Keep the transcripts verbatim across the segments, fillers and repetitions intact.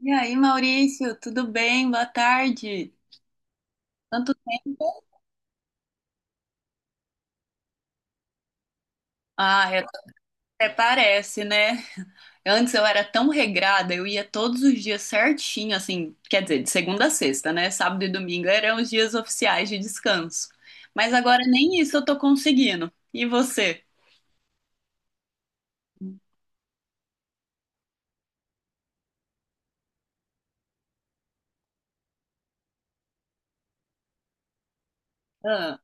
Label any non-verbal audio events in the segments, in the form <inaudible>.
E aí, Maurício, tudo bem? Boa tarde. Quanto tempo? Ah, eu- Até parece, né? Antes eu era tão regrada, eu ia todos os dias certinho, assim, quer dizer, de segunda a sexta, né? Sábado e domingo eram os dias oficiais de descanso. Mas agora nem isso eu tô conseguindo. E você? Ah,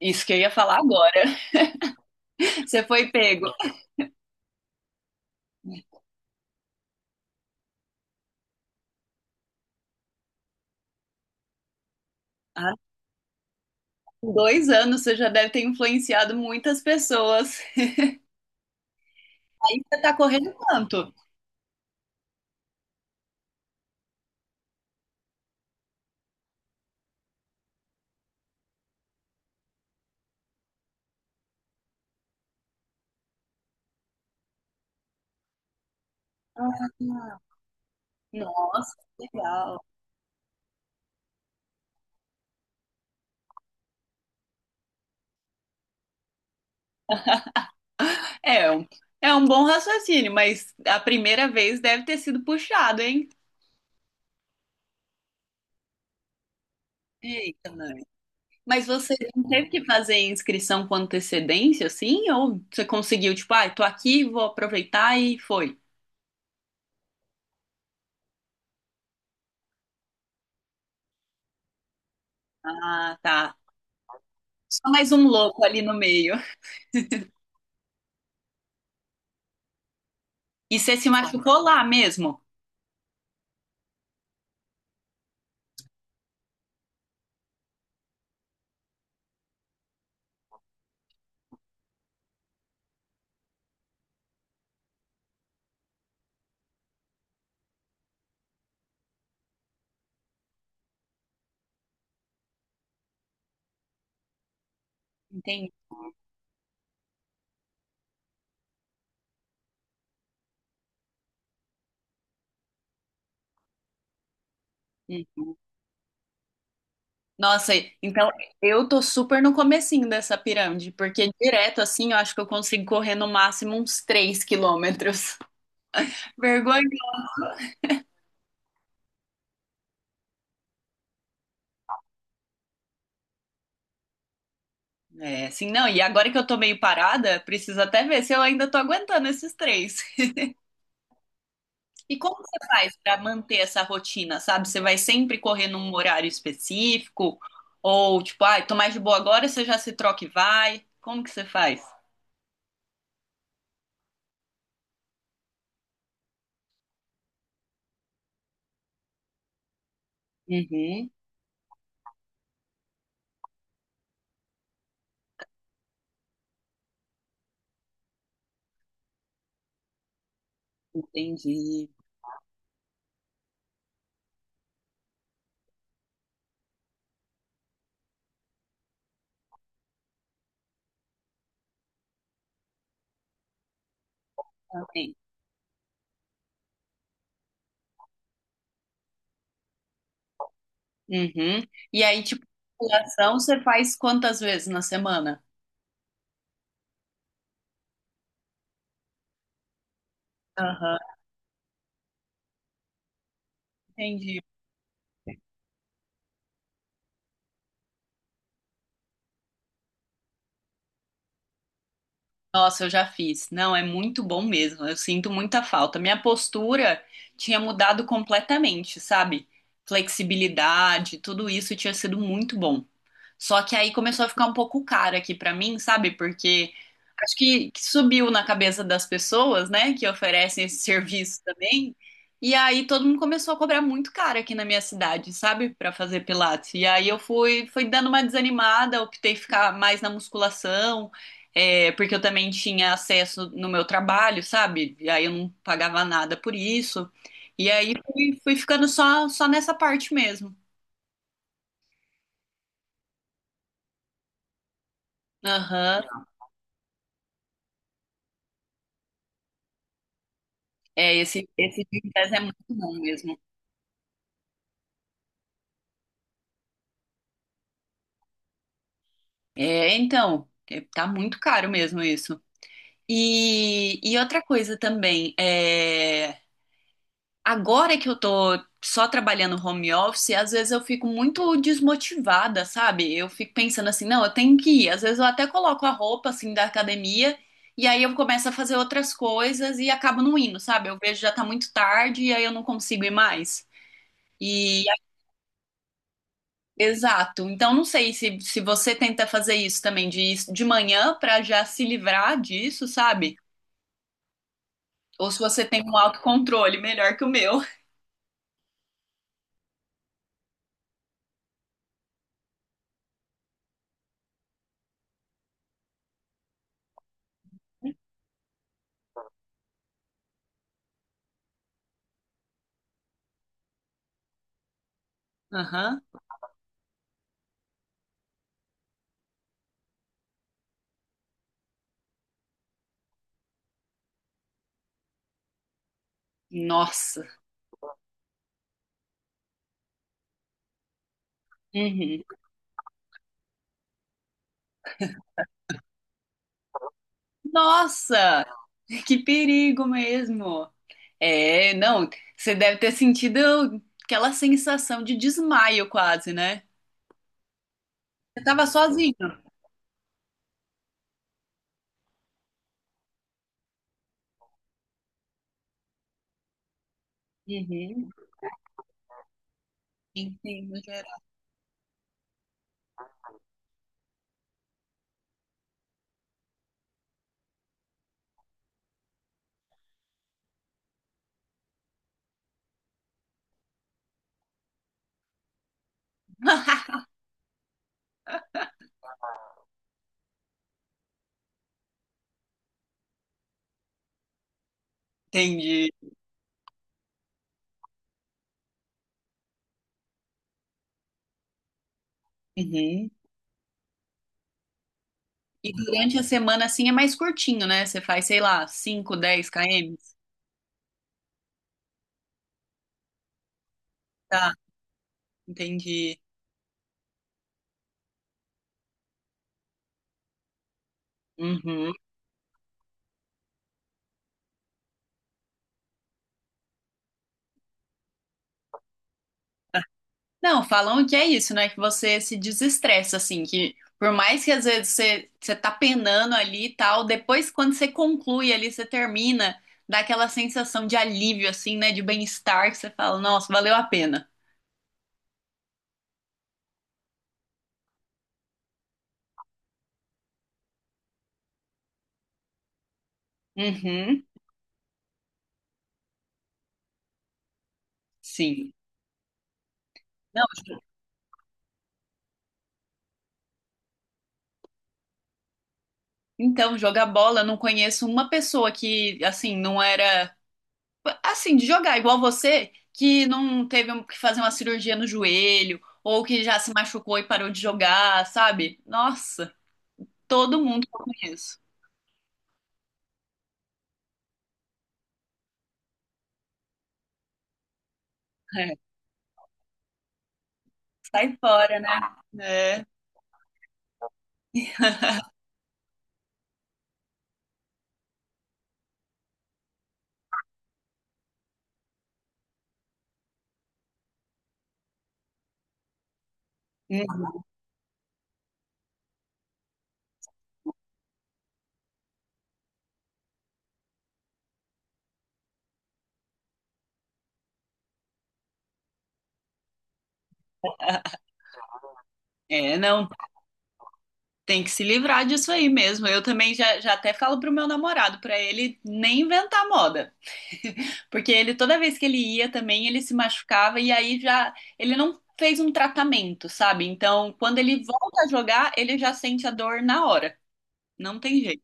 isso que eu ia falar agora. <laughs> Você foi pego. Ah, com dois anos você já deve ter influenciado muitas pessoas. Aí você tá correndo quanto? Ah, nossa, que legal. É, é um- é um bom raciocínio, mas a primeira vez deve ter sido puxado, hein? Eita, mãe. Mas você não teve que fazer inscrição com antecedência, assim? Ou você conseguiu, tipo, ah, tô aqui, vou aproveitar e foi? Ah, tá. Só mais um louco ali no meio. <laughs> E você se machucou lá mesmo? Entendi. Nossa, então eu tô super no comecinho dessa pirâmide, porque direto assim eu acho que eu consigo correr no máximo uns três quilômetros. <laughs> Vergonha. É, assim, não, e agora que eu tô meio parada, preciso até ver se eu ainda tô aguentando esses três. <laughs> E como você faz pra manter essa rotina, sabe? Você vai sempre correr num horário específico? Ou tipo, ai, tô mais de boa agora, você já se troca e vai? Como que você faz? Uhum, entendi. Ok. Uhum. E aí, tipo, musculação você faz quantas vezes na semana? Aham, entendi. Nossa, eu já fiz. Não, é muito bom mesmo. Eu sinto muita falta. Minha postura tinha mudado completamente, sabe? Flexibilidade, tudo isso tinha sido muito bom. Só que aí começou a ficar um pouco caro aqui pra mim, sabe? Porque acho que, que subiu na cabeça das pessoas, né, que oferecem esse serviço também. E aí todo mundo começou a cobrar muito caro aqui na minha cidade, sabe? Pra fazer pilates. E aí eu fui, fui dando uma desanimada, optei ficar mais na musculação, é, porque eu também tinha acesso no meu trabalho, sabe? E aí eu não pagava nada por isso. E aí fui, fui ficando só, só nessa parte mesmo. Aham. É, esse, esse Gympass é muito bom mesmo. É, então, é, tá muito caro mesmo isso. E, e outra coisa também, é, agora que eu tô só trabalhando home office, às vezes eu fico muito desmotivada, sabe? Eu fico pensando assim, não, eu tenho que ir. Às vezes eu até coloco a roupa, assim, da academia, e aí eu começo a fazer outras coisas e acabo não indo, sabe? Eu vejo já tá muito tarde e aí eu não consigo ir mais. E exato. Então, não sei se, se você tenta fazer isso também, de, ir de manhã para já se livrar disso, sabe? Ou se você tem um autocontrole melhor que o meu. Aham. Nossa. Uhum. Nossa! Que perigo mesmo. É, não, você deve ter sentido aquela sensação de desmaio quase, né? Você tava sozinho. Uhum. Entendo, geral. <laughs> Entendi. Uhum. E durante a semana, assim, é mais curtinho, né? Você faz, sei lá, cinco, dez quilômetros. Tá, entendi. Uhum. Não, falam que é isso, né? Que você se desestressa, assim, que por mais que às vezes você, você tá penando ali e tal, depois quando você conclui ali, você termina, dá aquela sensação de alívio, assim, né? De bem-estar, que você fala, nossa, valeu a pena. Uhum, sim. Não, então, jogar bola, eu não conheço uma pessoa que, assim, não era. Assim, de jogar igual você, que não teve um- que fazer uma cirurgia no joelho, ou que já se machucou e parou de jogar, sabe? Nossa, todo mundo que eu conheço. É, sai fora, né? É, hum, é, não, tem que se livrar disso aí mesmo. Eu também já, já até falo pro meu namorado, pra ele nem inventar moda. <laughs> Porque ele, toda vez que ele ia também, ele se machucava e aí já, ele não fez um tratamento, sabe? Então, quando ele volta a jogar, ele já sente a dor na hora. Não tem jeito.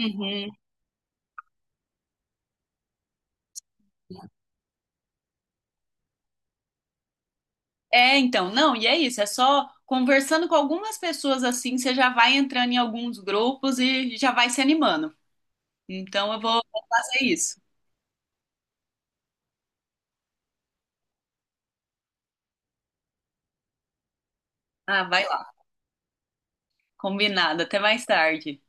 Uhum. É, então, não, e é isso, é só conversando com algumas pessoas assim, você já vai entrando em alguns grupos e já vai se animando. Então eu vou vou fazer isso. Ah, vai lá. Combinado, até mais tarde.